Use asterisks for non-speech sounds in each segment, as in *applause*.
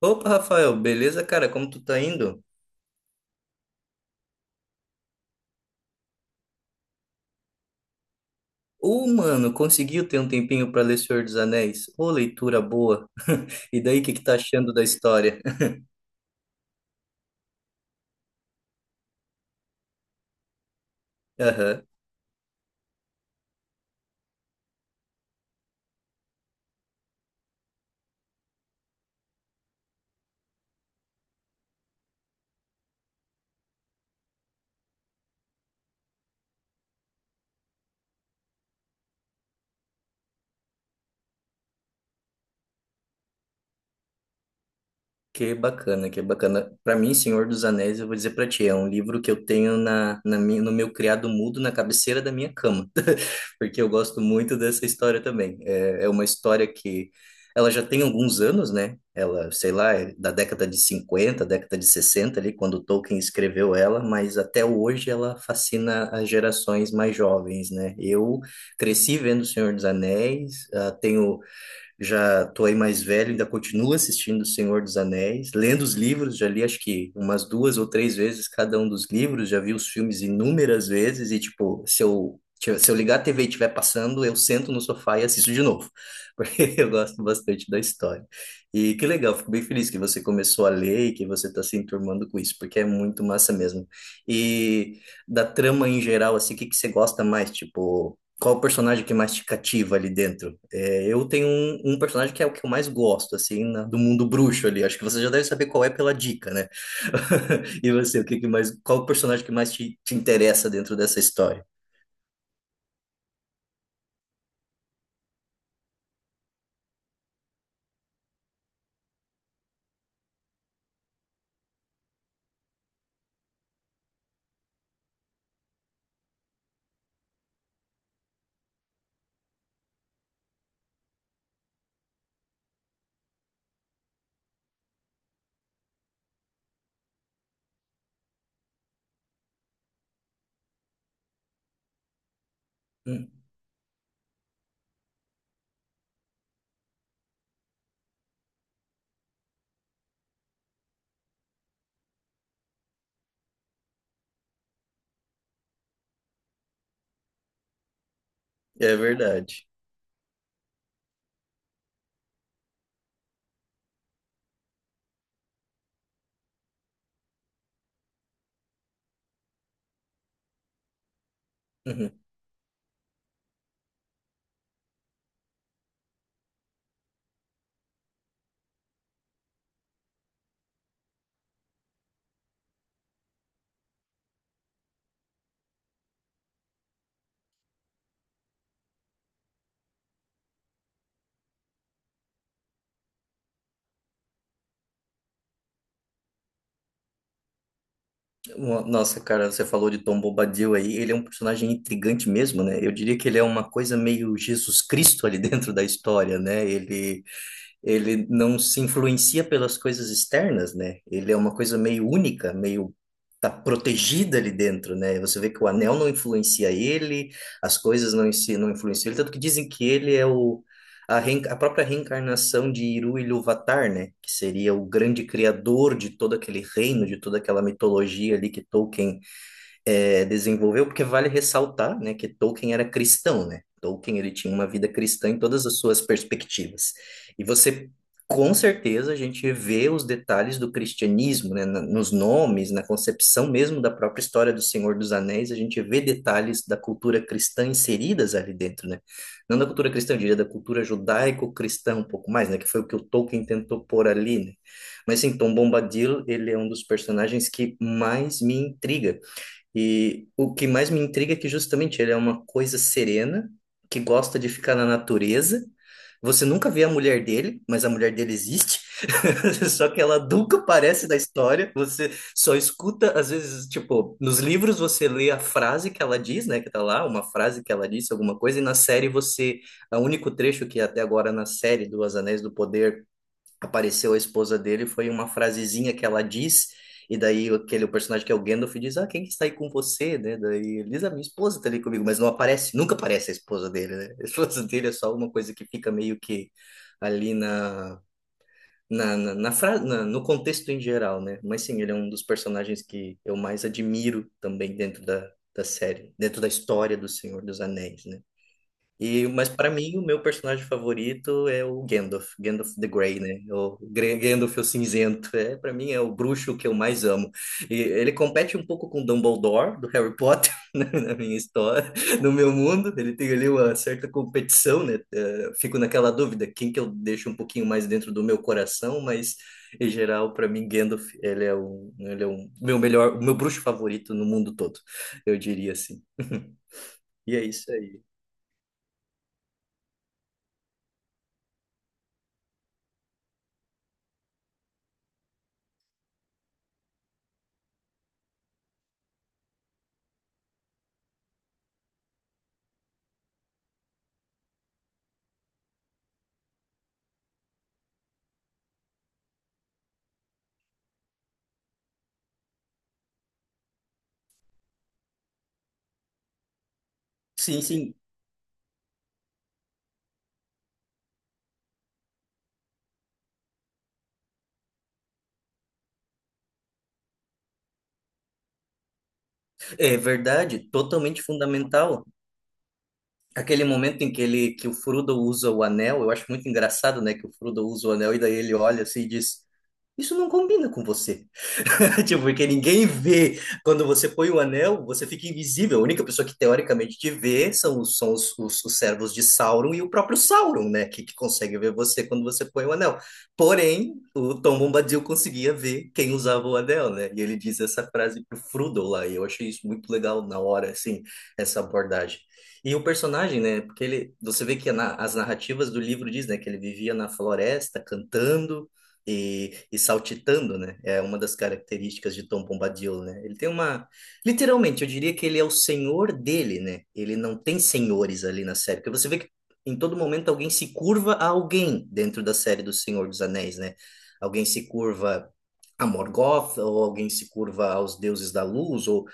Opa, Rafael, beleza, cara? Como tu tá indo? Ô, mano, conseguiu ter um tempinho pra ler Senhor dos Anéis? Ô, leitura boa. *laughs* E daí, o que que tá achando da história? *laughs* Aham. Que bacana, que bacana. Pra mim, Senhor dos Anéis, eu vou dizer pra ti, é um livro que eu tenho no meu criado mudo na cabeceira da minha cama, porque eu gosto muito dessa história também. É, é uma história que ela já tem alguns anos, né? Ela, sei lá, é da década de cinquenta, década de 60 ali, quando Tolkien escreveu ela, mas até hoje ela fascina as gerações mais jovens, né? Eu cresci vendo O Senhor dos Anéis, ah, tenho, já tô aí mais velho, ainda continuo assistindo O Senhor dos Anéis, lendo os livros, já li acho que umas duas ou três vezes cada um dos livros, já vi os filmes inúmeras vezes e, tipo, se eu ligar a TV e estiver passando, eu sento no sofá e assisto de novo, *laughs* porque eu gosto bastante da história. E que legal, fico bem feliz que você começou a ler e que você está se enturmando com isso, porque é muito massa mesmo. E da trama em geral, assim, o que que você gosta mais? Tipo, qual o personagem que mais te cativa ali dentro? É, eu tenho um personagem que é o que eu mais gosto, assim, do mundo bruxo ali. Acho que você já deve saber qual é pela dica, né? *laughs* E você, o que que mais, qual o personagem que mais te interessa dentro dessa história? Hum, é verdade. Uhum. Nossa, cara, você falou de Tom Bombadil aí. Ele é um personagem intrigante mesmo, né? Eu diria que ele é uma coisa meio Jesus Cristo ali dentro da história, né? Ele não se influencia pelas coisas externas, né? Ele é uma coisa meio única, meio tá protegida ali dentro, né? Você vê que o anel não influencia ele, as coisas não, não influenciam ele, tanto que dizem que ele é a própria reencarnação de Iru Ilúvatar, né? Que seria o grande criador de todo aquele reino, de toda aquela mitologia ali que Tolkien, desenvolveu, porque vale ressaltar, né, que Tolkien era cristão, né? Tolkien, ele tinha uma vida cristã em todas as suas perspectivas. E você, com certeza a gente vê os detalhes do cristianismo, né, nos nomes, na concepção mesmo da própria história do Senhor dos Anéis, a gente vê detalhes da cultura cristã inseridas ali dentro, né? Não da cultura cristã, eu diria da cultura judaico-cristã um pouco mais, né, que foi o que o Tolkien tentou pôr ali, né? Mas sim, Tom Bombadil, ele é um dos personagens que mais me intriga, e o que mais me intriga é que justamente ele é uma coisa serena, que gosta de ficar na natureza. Você nunca vê a mulher dele, mas a mulher dele existe. *laughs* Só que ela nunca aparece na história. Você só escuta, às vezes, tipo, nos livros você lê a frase que ela diz, né? Que tá lá, uma frase que ela disse, alguma coisa, e na série você... é o único trecho que até agora na série do Os Anéis do Poder apareceu a esposa dele, foi uma frasezinha que ela diz, e daí aquele o personagem que é o Gandalf diz, ah, quem que está aí com você, né? Daí ele diz, a minha esposa está ali comigo, mas não aparece, nunca aparece a esposa dele, né? A esposa dele é só uma coisa que fica meio que ali na... no contexto em geral, né? Mas sim, ele é um dos personagens que eu mais admiro também dentro da, da série, dentro da história do Senhor dos Anéis, né? E, mas para mim, o meu personagem favorito é o Gandalf, Gandalf the Grey, né? Gandalf o cinzento, é, para mim é o bruxo que eu mais amo. E ele compete um pouco com Dumbledore do Harry Potter, *laughs* né, na minha história, no meu mundo, ele tem ali uma certa competição, né? Fico naquela dúvida, quem que eu deixo um pouquinho mais dentro do meu coração, mas em geral, para mim, Gandalf, ele é o meu melhor, o meu bruxo favorito no mundo todo, eu diria assim. *laughs* E é isso aí. Sim, sim. É verdade, totalmente fundamental. Aquele momento em que ele que o Frodo usa o anel, eu acho muito engraçado, né, que o Frodo usa o anel e daí ele olha assim e diz, isso não combina com você. *laughs* Tipo, porque ninguém vê. Quando você põe o anel, você fica invisível. A única pessoa que teoricamente te vê são os servos de Sauron e o próprio Sauron, né? Que consegue ver você quando você põe o anel. Porém, o Tom Bombadil conseguia ver quem usava o anel, né? E ele diz essa frase pro Frodo lá. E eu achei isso muito legal na hora, assim, essa abordagem. E o personagem, né? Porque ele, você vê que as narrativas do livro diz, né? Que ele vivia na floresta, cantando e saltitando, né? É uma das características de Tom Bombadil, né? Ele tem uma... Literalmente, eu diria que ele é o senhor dele, né? Ele não tem senhores ali na série, porque você vê que em todo momento alguém se curva a alguém dentro da série do Senhor dos Anéis, né? Alguém se curva a Morgoth, ou alguém se curva aos deuses da luz, ou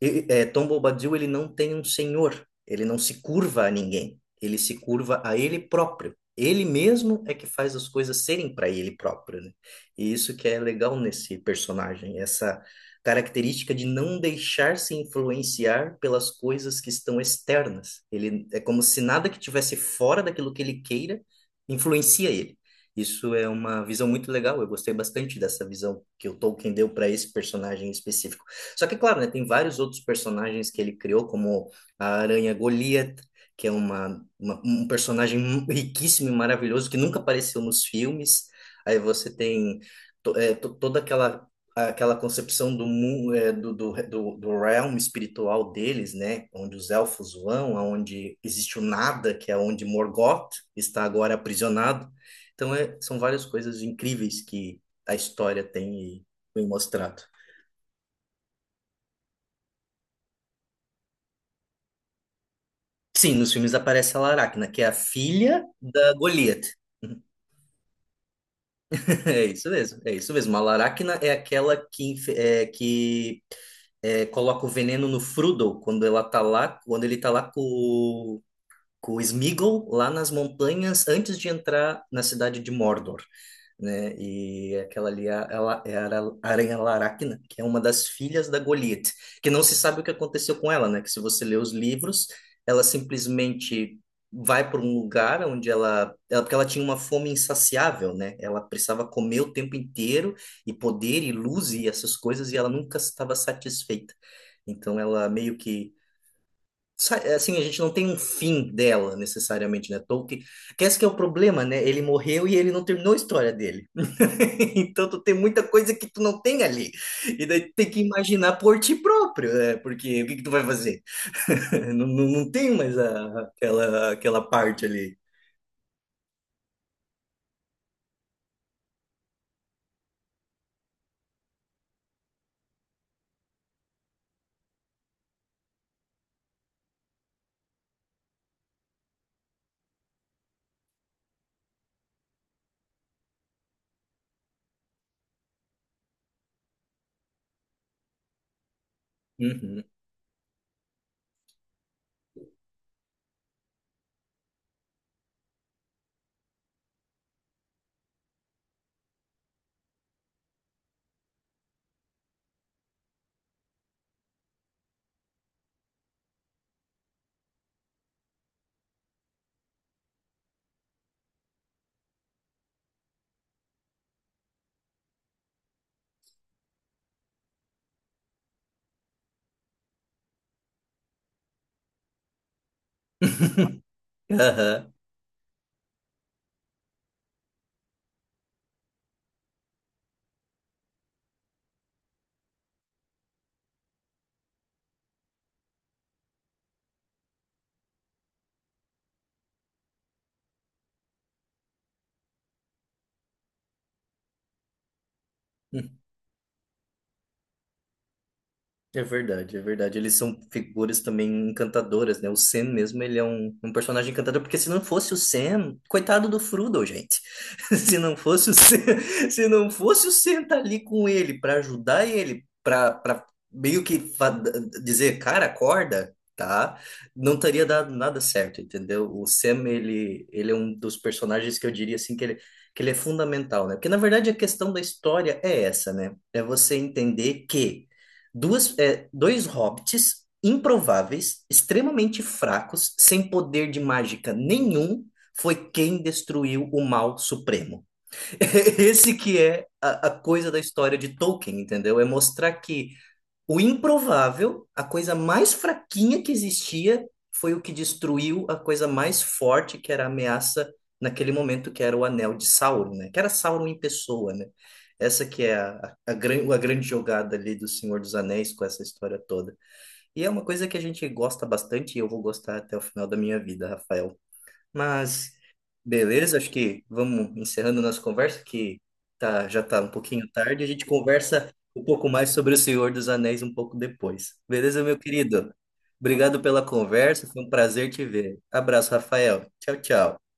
Tom Bobadil, ele não tem um senhor, ele não se curva a ninguém, ele se curva a ele próprio. Ele mesmo é que faz as coisas serem para ele próprio, né? E isso que é legal nesse personagem, essa característica de não deixar se influenciar pelas coisas que estão externas. Ele é como se nada que tivesse fora daquilo que ele queira influencia ele. Isso é uma visão muito legal, eu gostei bastante dessa visão que o Tolkien deu para esse personagem específico. Só que, claro, né, tem vários outros personagens que ele criou, como a Aranha Goliath, que é um personagem riquíssimo e maravilhoso que nunca apareceu nos filmes. Aí você tem toda aquela aquela concepção do, do realm espiritual deles, né? Onde os elfos vão, aonde existe o nada, que é onde Morgoth está agora aprisionado. Então, é, são várias coisas incríveis que a história tem e foi mostrado. Sim, nos filmes aparece a Laracna, que é a filha da Goliath. *laughs* É isso mesmo, é isso mesmo. A Laracna é aquela que, coloca o veneno no Frodo quando ela tá lá, quando ele tá lá com o Sméagol lá nas montanhas antes de entrar na cidade de Mordor, né? E aquela ali é a, Aranha Laracna, que é uma das filhas da Goliath, que não se sabe o que aconteceu com ela, né? Que se você ler os livros, ela simplesmente vai para um lugar onde ela, porque ela tinha uma fome insaciável, né? Ela precisava comer o tempo inteiro e poder e luz e essas coisas e ela nunca estava satisfeita. Então ela meio que assim, a gente não tem um fim dela necessariamente, né? Tolkien, que esse que é o problema, né? Ele morreu e ele não terminou a história dele. *laughs* Então tu tem muita coisa que tu não tem ali. E daí tu tem que imaginar por ti próprio, né? Porque o que que tu vai fazer? *laughs* Não, não, não tem mais aquela, aquela parte ali. Uhum. Aham. É verdade, é verdade. Eles são figuras também encantadoras, né? O Sam mesmo, ele é um personagem encantador, porque se não fosse o Sam, coitado do Frodo, gente. *laughs* Se não fosse o Sam, *laughs* se não fosse o Sam estar ali com ele para ajudar ele, para meio que dizer, cara, acorda, tá? Não teria dado nada certo, entendeu? O Sam, ele é um dos personagens que eu diria assim que ele é fundamental, né? Porque na verdade a questão da história é essa, né? É você entender que dois hobbits improváveis, extremamente fracos, sem poder de mágica nenhum, foi quem destruiu o mal supremo. *laughs* Esse que é a coisa da história de Tolkien, entendeu? É mostrar que o improvável, a coisa mais fraquinha que existia, foi o que destruiu a coisa mais forte, que era a ameaça naquele momento, que era o anel de Sauron, né? Que era Sauron em pessoa, né? Essa que é a grande jogada ali do Senhor dos Anéis com essa história toda. E é uma coisa que a gente gosta bastante e eu vou gostar até o final da minha vida, Rafael. Mas, beleza, acho que vamos encerrando nossa conversa, que tá, já tá um pouquinho tarde. A gente conversa um pouco mais sobre O Senhor dos Anéis um pouco depois. Beleza, meu querido? Obrigado pela conversa, foi um prazer te ver. Abraço, Rafael. Tchau, tchau.